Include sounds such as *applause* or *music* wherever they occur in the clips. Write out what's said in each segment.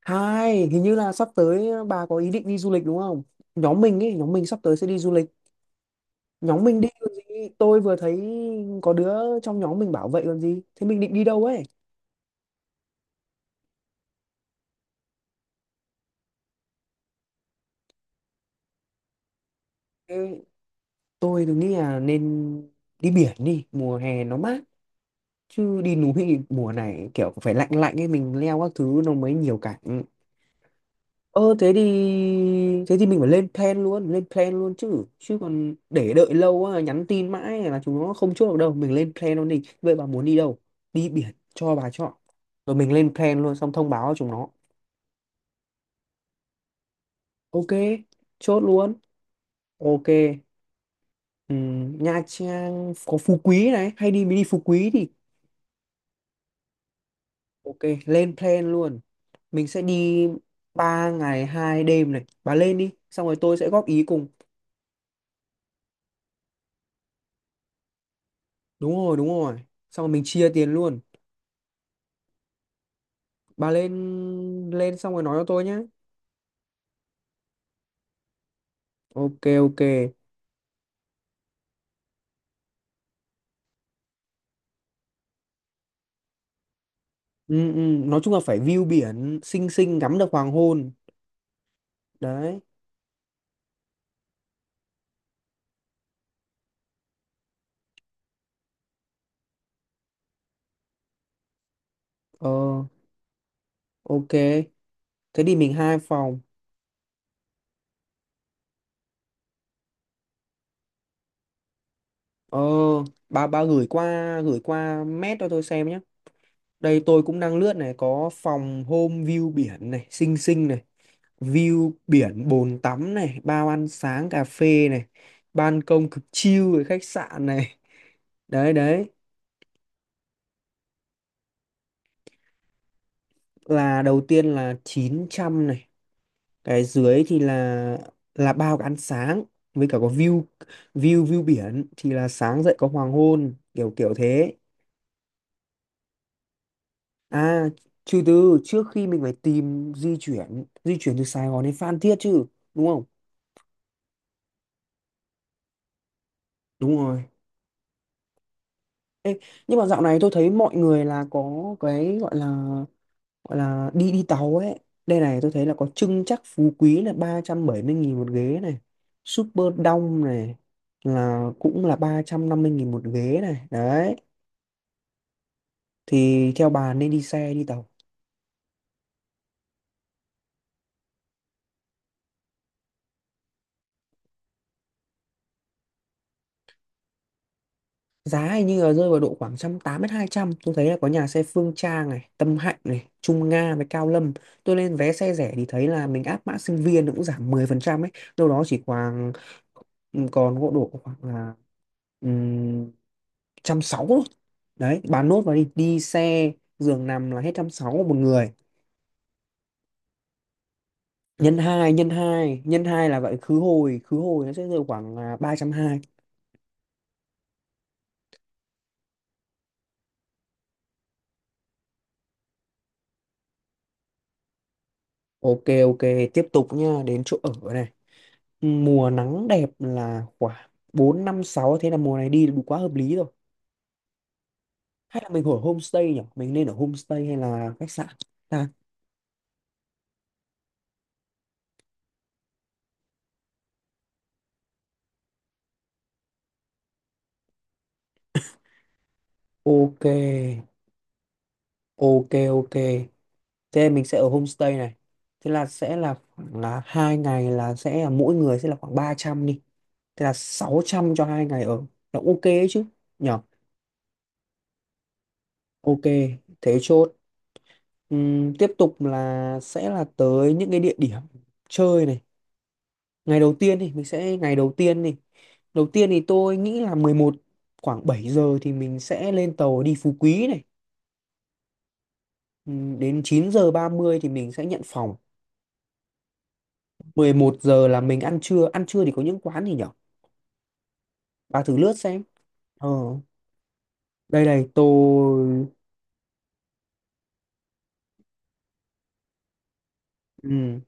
Hai, hình như là sắp tới bà có ý định đi du lịch đúng không? Nhóm mình ấy, nhóm mình sắp tới sẽ đi du lịch. Nhóm mình đi còn gì? Tôi vừa thấy có đứa trong nhóm mình bảo vậy còn gì. Thế mình định đi đâu ấy? Ê, tôi thì nghĩ là nên đi biển đi, mùa hè nó mát. Chứ đi núi thì mùa này kiểu phải lạnh lạnh ấy, mình leo các thứ nó mới nhiều cảnh. Ờ thế thì mình phải lên plan luôn chứ. Chứ còn để đợi lâu quá nhắn tin mãi là chúng nó không chốt được đâu. Mình lên plan luôn đi. Vậy bà muốn đi đâu? Đi biển cho bà chọn. Rồi mình lên plan luôn xong thông báo cho chúng nó. Ok, chốt luôn. Ok. Nha Trang có Phú Quý này, hay đi mình đi Phú Quý thì ok, lên plan luôn. Mình sẽ đi 3 ngày 2 đêm này. Bà lên đi, xong rồi tôi sẽ góp ý cùng. Đúng rồi, đúng rồi. Xong rồi mình chia tiền luôn. Bà lên lên xong rồi nói cho tôi nhé. Ok, ok. Ừ, ừ, nói chung là phải view biển xinh xinh ngắm được hoàng hôn đấy. Ờ ok, thế thì mình hai phòng. Ờ, bà gửi qua mét cho tôi xem nhé. Đây tôi cũng đang lướt này, có phòng home view biển này, xinh xinh này, view biển, bồn tắm này, bao ăn sáng cà phê này, ban công cực chill với khách sạn này. Đấy đấy, là đầu tiên là 900 này, cái dưới thì là bao cái ăn sáng với cả có view. View biển thì là sáng dậy có hoàng hôn kiểu kiểu thế. À, trừ từ trước khi mình phải tìm di chuyển từ Sài Gòn đến Phan Thiết chứ, đúng không? Đúng rồi. Ê, nhưng mà dạo này tôi thấy mọi người là có cái gọi là đi đi tàu ấy. Đây này, tôi thấy là có trưng chắc Phú Quý là 370 nghìn một ghế này, Super Đông này là cũng là 350 nghìn một ghế này đấy. Thì theo bà nên đi xe đi tàu? Giá hình như là rơi vào độ khoảng một trăm tám mươi đến hai trăm, tôi thấy là có nhà xe Phương Trang này, Tâm Hạnh này, Trung Nga với Cao Lâm. Tôi lên vé xe rẻ thì thấy là mình áp mã sinh viên nó cũng giảm 10% ấy, đâu đó chỉ khoảng, ừ, còn gỗ độ khoảng là um, trăm sáu thôi. Đấy bà nốt vào đi, đi xe giường nằm là hết trăm sáu một người, nhân 2 là vậy, khứ hồi, khứ hồi nó sẽ rơi khoảng là 320. Ok ok, tiếp tục nha, đến chỗ ở này. Mùa nắng đẹp là khoảng 4 5 sáu, thế là mùa này đi là đủ, quá hợp lý rồi. Hay là mình ở homestay nhỉ, mình nên ở homestay hay là khách sạn ta? Ok ok ok, thế mình sẽ ở homestay này. Thế là sẽ là khoảng là hai ngày là sẽ là mỗi người sẽ là khoảng 300 đi, thế là 600 cho hai ngày ở, là ok ấy chứ nhỉ. Ok, thế chốt. Tiếp tục là sẽ là tới những cái địa điểm chơi này. Ngày đầu tiên thì mình sẽ, ngày đầu tiên thì tôi nghĩ là mười một, khoảng 7 giờ thì mình sẽ lên tàu đi Phú Quý này. Ừ, đến 9 giờ 30 thì mình sẽ nhận phòng, 11 giờ là mình ăn trưa. Ăn trưa thì có những quán gì nhở, bà thử lướt xem. Ờ đây đây tôi Ừ.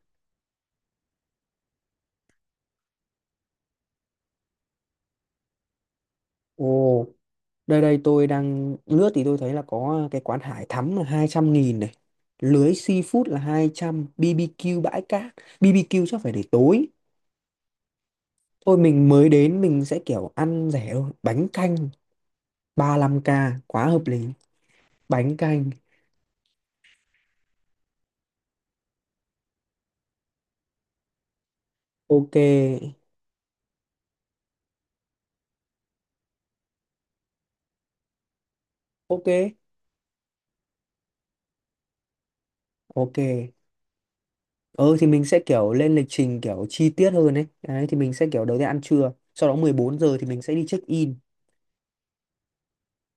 Ồ, đây đây tôi đang lướt thì tôi thấy là có cái quán hải thắm là 200 nghìn này, lưới seafood là 200, BBQ bãi cát. BBQ chắc phải để tối. Thôi mình mới đến mình sẽ kiểu ăn rẻ thôi. Bánh canh ba lăm k, quá hợp lý. Bánh canh. Ok. Ok. Ok. Ừ thì mình sẽ kiểu lên lịch trình kiểu chi tiết hơn ấy. Đấy thì mình sẽ kiểu đầu tiên ăn trưa. Sau đó 14 giờ thì mình sẽ đi check in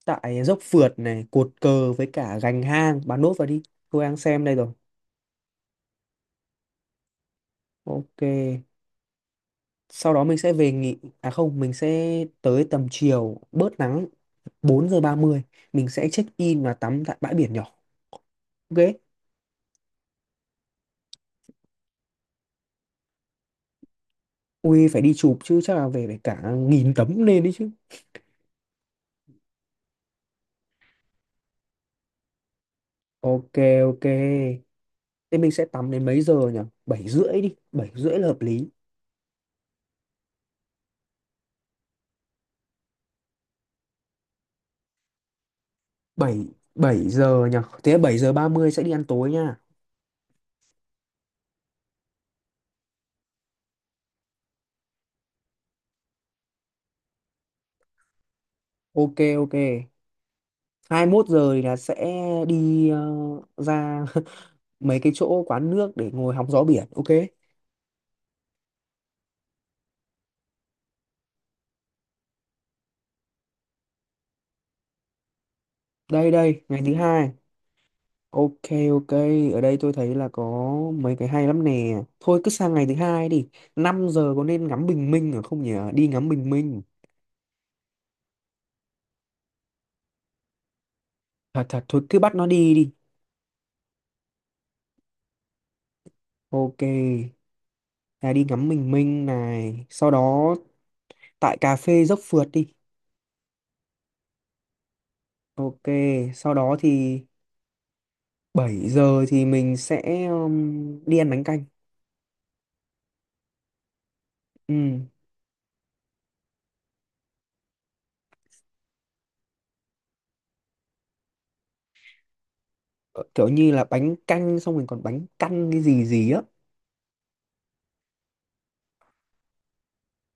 tại dốc phượt này, cột cờ với cả gành hang. Bạn nốt vào đi. Tôi đang xem đây rồi. Ok. Sau đó mình sẽ về nghỉ. À không, mình sẽ tới tầm chiều bớt nắng, 4 giờ 30 mình sẽ check in và tắm tại bãi biển nhỏ. Ok. Ui phải đi chụp chứ, chắc là về phải cả nghìn tấm lên đấy chứ. Ok ok. Thế mình sẽ tắm đến mấy giờ nhỉ? Bảy rưỡi đi, 7 rưỡi là hợp lý. Bảy Bảy giờ nhỉ. Thế 7 giờ 30 sẽ đi ăn tối nha. Ok ok. Hai mốt giờ thì là sẽ đi ra *laughs* mấy cái chỗ quán nước để ngồi hóng gió biển. Ok. Đây đây, ngày thứ hai. Ok ok, ở đây tôi thấy là có mấy cái hay lắm nè. Thôi cứ sang ngày thứ hai đi. Năm giờ có nên ngắm bình minh ở không nhỉ? Đi ngắm bình minh. Thật thật thôi cứ bắt nó đi đi. Ok, là đi ngắm bình minh này, sau đó tại cà phê dốc phượt đi. Ok, sau đó thì 7 giờ thì mình sẽ đi ăn bánh canh. Ừ. Ờ, kiểu như là bánh canh xong mình còn bánh căn cái gì gì á.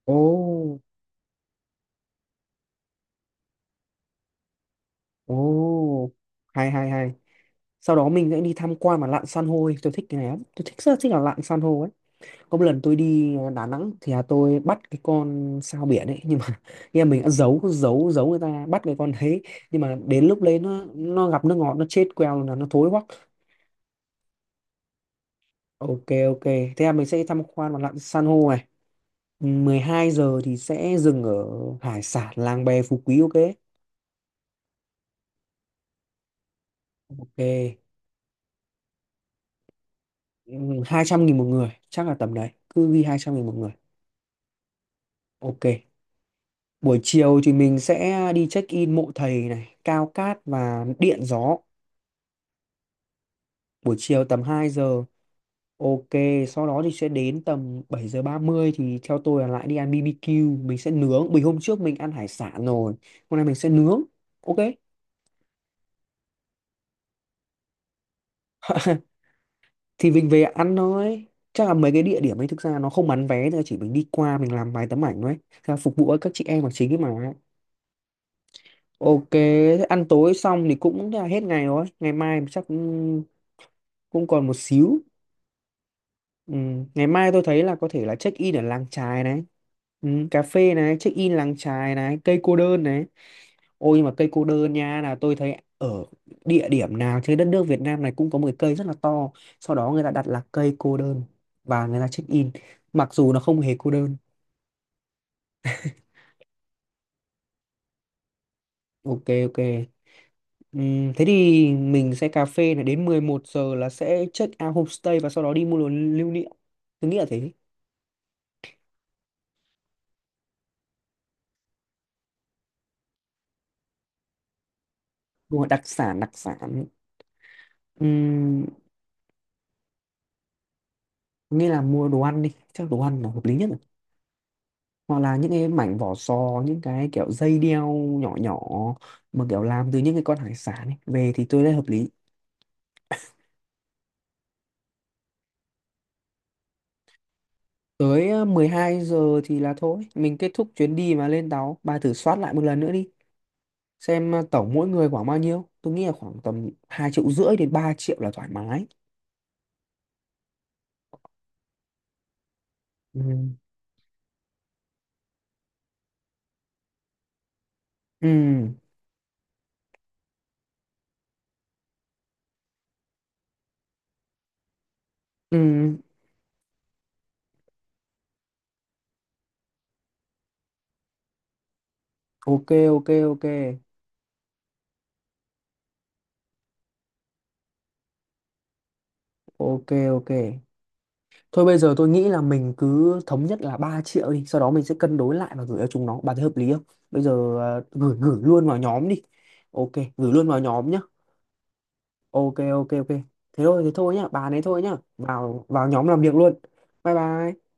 Ồ ồ, hay hay hay. Sau đó mình sẽ đi tham quan mà lặn san hô đi. Tôi thích cái này lắm, tôi thích rất là thích là lặn san hô ấy. Có một lần tôi đi Đà Nẵng thì là tôi bắt cái con sao biển ấy, nhưng mà *laughs* em mình đã giấu giấu giấu người ta bắt cái con đấy, nhưng mà đến lúc đấy nó gặp nước ngọt nó chết queo là nó thối hoắc. Ok ok, thế là mình sẽ tham quan và lặn san hô này. 12 giờ thì sẽ dừng ở hải sản làng bè Phú Quý. Ok ok. 200 nghìn một người chắc là tầm đấy, cứ ghi 200 nghìn một người. Ok, buổi chiều thì mình sẽ đi check in mộ thầy này, Cao Cát và Điện Gió, buổi chiều tầm 2 giờ. Ok, sau đó thì sẽ đến tầm 7 giờ 30 thì theo tôi là lại đi ăn BBQ, mình sẽ nướng. Vì hôm trước mình ăn hải sản rồi, hôm nay mình sẽ nướng. Ok, thì mình về ăn thôi. Chắc là mấy cái địa điểm ấy thực ra nó không bán vé, thôi, chỉ mình đi qua mình làm vài tấm ảnh thôi. Thế là phục vụ các chị em là chính ấy mà. Ok, thế ăn tối xong thì cũng là hết ngày rồi. Ngày mai chắc cũng, cũng còn một xíu. Ừ. Ngày mai tôi thấy là có thể là check in ở làng chài này. Ừ, cà phê này, check in làng chài này, cây cô đơn này. Ôi nhưng mà cây cô đơn nha, là tôi thấy ở địa điểm nào trên đất nước Việt Nam này cũng có một cái cây rất là to. Sau đó người ta đặt là cây cô đơn và người ta check in. Mặc dù nó không hề cô đơn. Ok ok. Thế thì mình sẽ cà phê này đến 11 giờ là sẽ check out homestay và sau đó đi mua đồ lưu niệm. Tôi nghĩ là thế. Mua đặc sản đặc sản. Ừm, nghĩa là mua đồ ăn đi. Chắc đồ ăn là hợp lý nhất, hoặc là những cái mảnh vỏ sò, những cái kiểu dây đeo nhỏ nhỏ mà kiểu làm từ những cái con hải sản ấy về thì tôi thấy hợp lý. Tới mười hai giờ thì là thôi mình kết thúc chuyến đi mà lên tàu. Bà thử soát lại một lần nữa đi, xem tổng mỗi người khoảng bao nhiêu. Tôi nghĩ là khoảng tầm hai triệu rưỡi đến ba triệu là thoải mái. Ừ ừ ừ, ok ok ok ok ok. Thôi bây giờ tôi nghĩ là mình cứ thống nhất là 3 triệu đi, sau đó mình sẽ cân đối lại và gửi cho chúng nó. Bà thấy hợp lý không? Bây giờ à, gửi gửi luôn vào nhóm đi. Ok, gửi luôn vào nhóm nhá. Ok ok ok. Thế thôi nhá, bà đấy thôi nhá. Vào vào nhóm làm việc luôn. Bye bye.